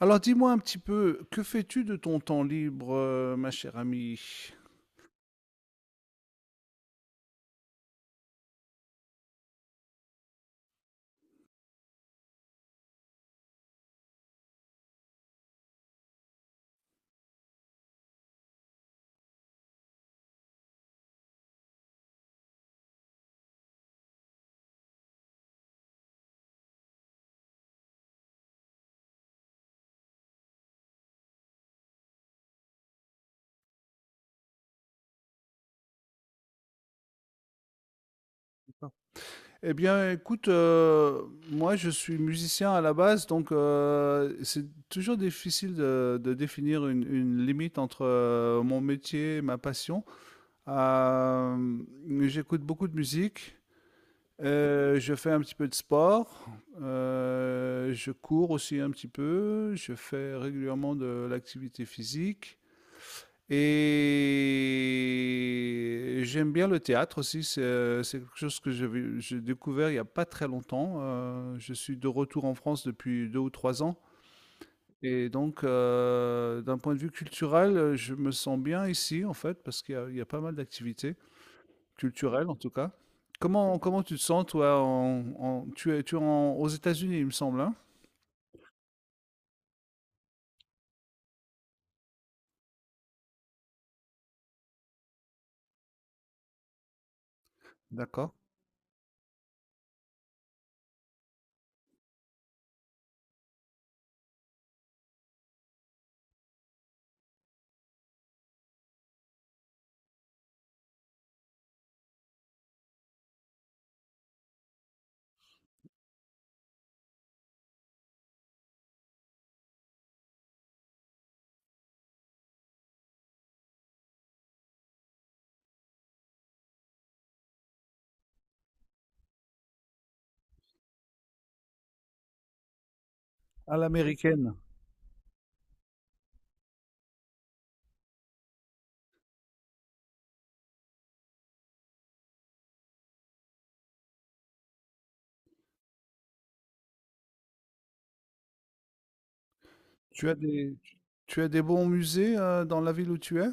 Alors dis-moi un petit peu, que fais-tu de ton temps libre, ma chère amie? Eh bien, écoute, moi je suis musicien à la base, donc c'est toujours difficile de définir une limite entre mon métier et ma passion. Euh, J'écoute beaucoup de musique, je fais un petit peu de sport, je cours aussi un petit peu, je fais régulièrement de l'activité physique. Et j'aime bien le théâtre aussi, c'est quelque chose que j'ai découvert il n'y a pas très longtemps. Je suis de retour en France depuis 2 ou 3 ans. Et donc, d'un point de vue culturel, je me sens bien ici, en fait, parce qu'il y a pas mal d'activités culturelles, en tout cas. Comment tu te sens, toi, tu es aux États-Unis, il me semble, hein? D'accord. À l'américaine. Tu as des, tu as des bons musées, dans la ville où tu es?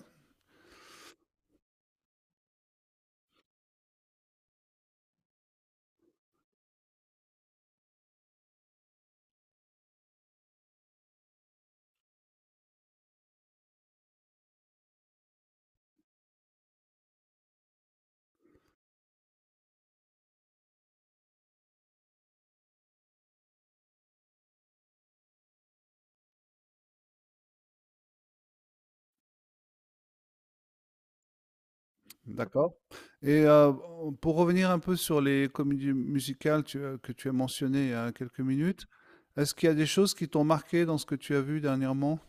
D'accord. Et pour revenir un peu sur les comédies musicales tu as que tu as mentionnées il y a quelques minutes, est-ce qu'il y a des choses qui t'ont marqué dans ce que tu as vu dernièrement?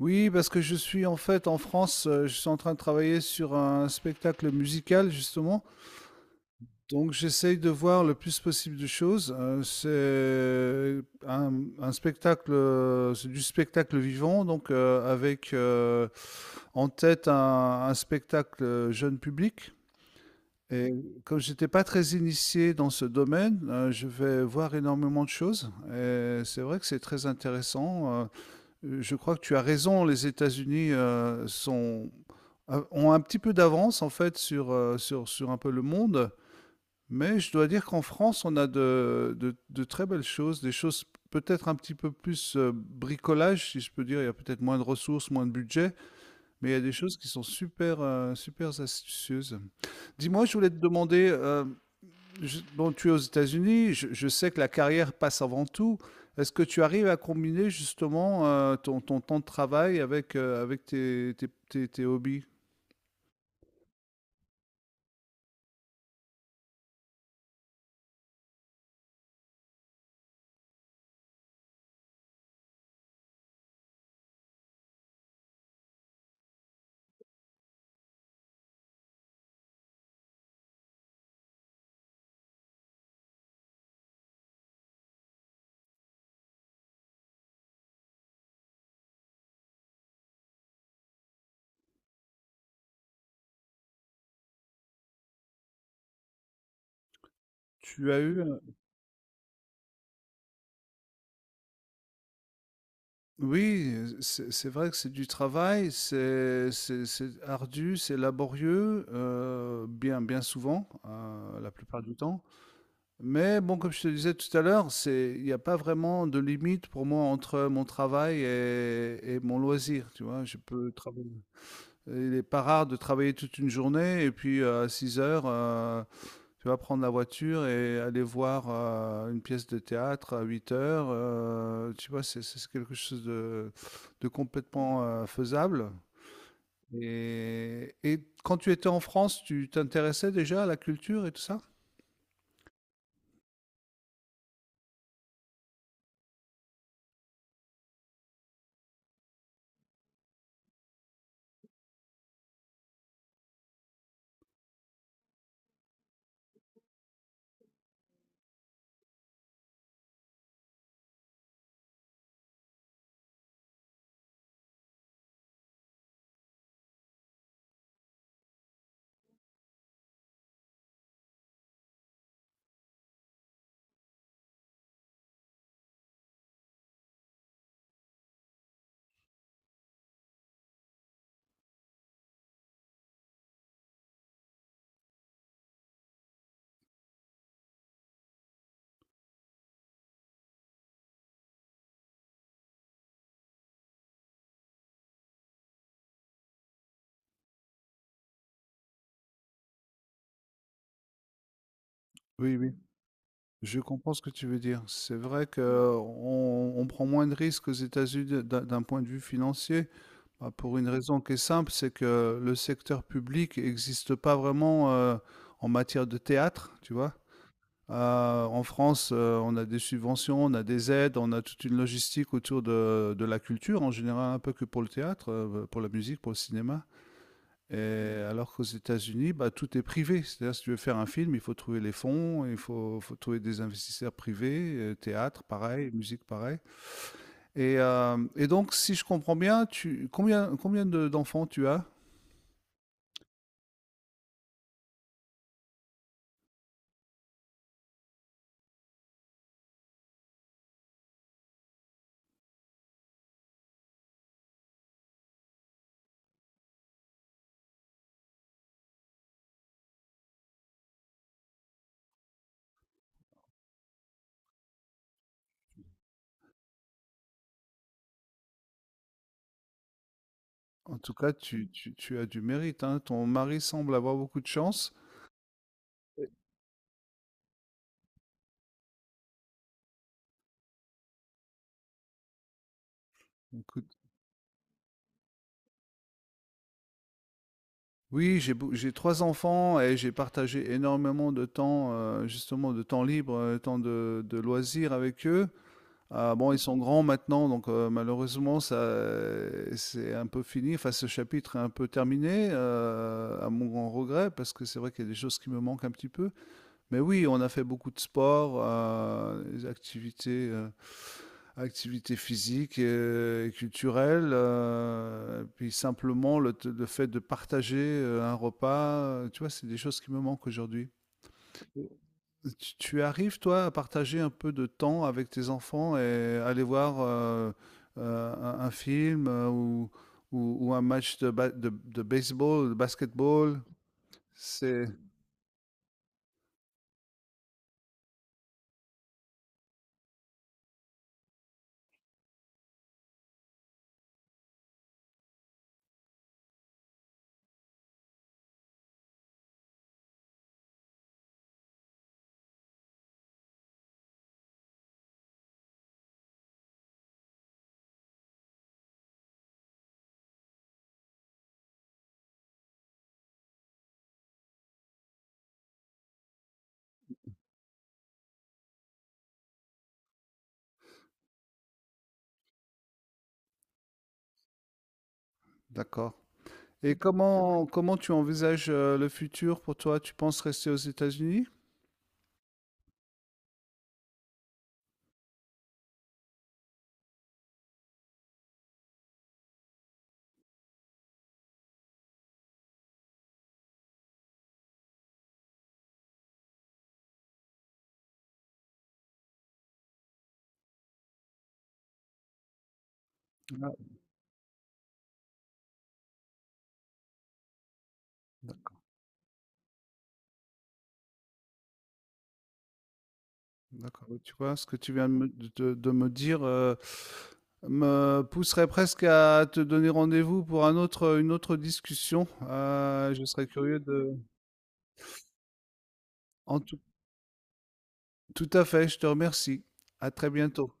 Oui, parce que je suis en fait en France, je suis en train de travailler sur un spectacle musical justement, donc j'essaye de voir le plus possible de choses. C'est un un spectacle, c'est du spectacle vivant donc avec, en tête un spectacle, jeune public. Et comme j'étais pas très initié dans ce domaine, je vais voir énormément de choses. Et c'est vrai que c'est très intéressant. Je crois que tu as raison, les États-Unis ont un petit peu d'avance en fait sur un peu le monde. Mais je dois dire qu'en France, on a de très belles choses, des choses peut-être un petit peu plus bricolage, si je peux dire. Il y a peut-être moins de ressources, moins de budget, mais il y a des choses qui sont super, super astucieuses. Dis-moi, je voulais te demander, bon, tu es aux États-Unis, je sais que la carrière passe avant tout. Est-ce que tu arrives à combiner justement ton temps de travail avec, avec tes hobbies? Tu as eu... un- Oui, c'est vrai que c'est du travail, c'est ardu, c'est laborieux, bien souvent, la plupart du temps. Mais bon, comme je te disais tout à l'heure, c'est, il n'y a pas vraiment de limite pour moi entre mon travail et mon loisir, tu vois, je peux travailler. Il n'est pas rare de travailler toute une journée et puis à 6 heures, tu vas prendre la voiture et aller voir une pièce de théâtre à 8 heures. Tu vois, c'est quelque chose de complètement faisable. Et quand tu étais en France, tu t'intéressais déjà à la culture et tout ça? Oui, oui. Je comprends ce que tu veux dire. C'est vrai qu'on prend moins de risques aux États-Unis d'un point de vue financier. Bah, pour une raison qui est simple, c'est que le secteur public n'existe pas vraiment en matière de théâtre, tu vois. En France, on a des subventions, on a des aides, on a toute une logistique autour de la culture, en général un peu que pour le théâtre, pour la musique, pour le cinéma. Et alors qu'aux États-Unis, bah, tout est privé. C'est-à-dire, si tu veux faire un film, il faut trouver les fonds, faut trouver des investisseurs privés, théâtre, pareil, musique, pareil. Et donc, si je comprends bien, combien d'enfants tu as? En tout cas, tu as du mérite, hein. Ton mari semble avoir beaucoup de chance. Écoute, oui, j'ai trois enfants et j'ai partagé énormément de temps, justement, de temps libre, temps de loisirs avec eux. Ah, bon, ils sont grands maintenant, donc malheureusement, ça, c'est un peu fini. Enfin, ce chapitre est un peu terminé, à mon grand regret, parce que c'est vrai qu'il y a des choses qui me manquent un petit peu. Mais oui, on a fait beaucoup de sport, des activités. Activité physique et culturelle, puis simplement le, le fait de partager un repas, tu vois, c'est des choses qui me manquent aujourd'hui. Tu arrives, toi, à partager un peu de temps avec tes enfants et aller voir un film ou un match de, de baseball, de basketball? C'est... D'accord. Et comment tu envisages le futur pour toi? Tu penses rester aux États-Unis? Ah, d'accord, bah, tu vois, ce que tu viens de me dire, me pousserait presque à te donner rendez-vous pour un autre, une autre discussion. Je serais curieux de en tout tout à fait, je te remercie. À très bientôt.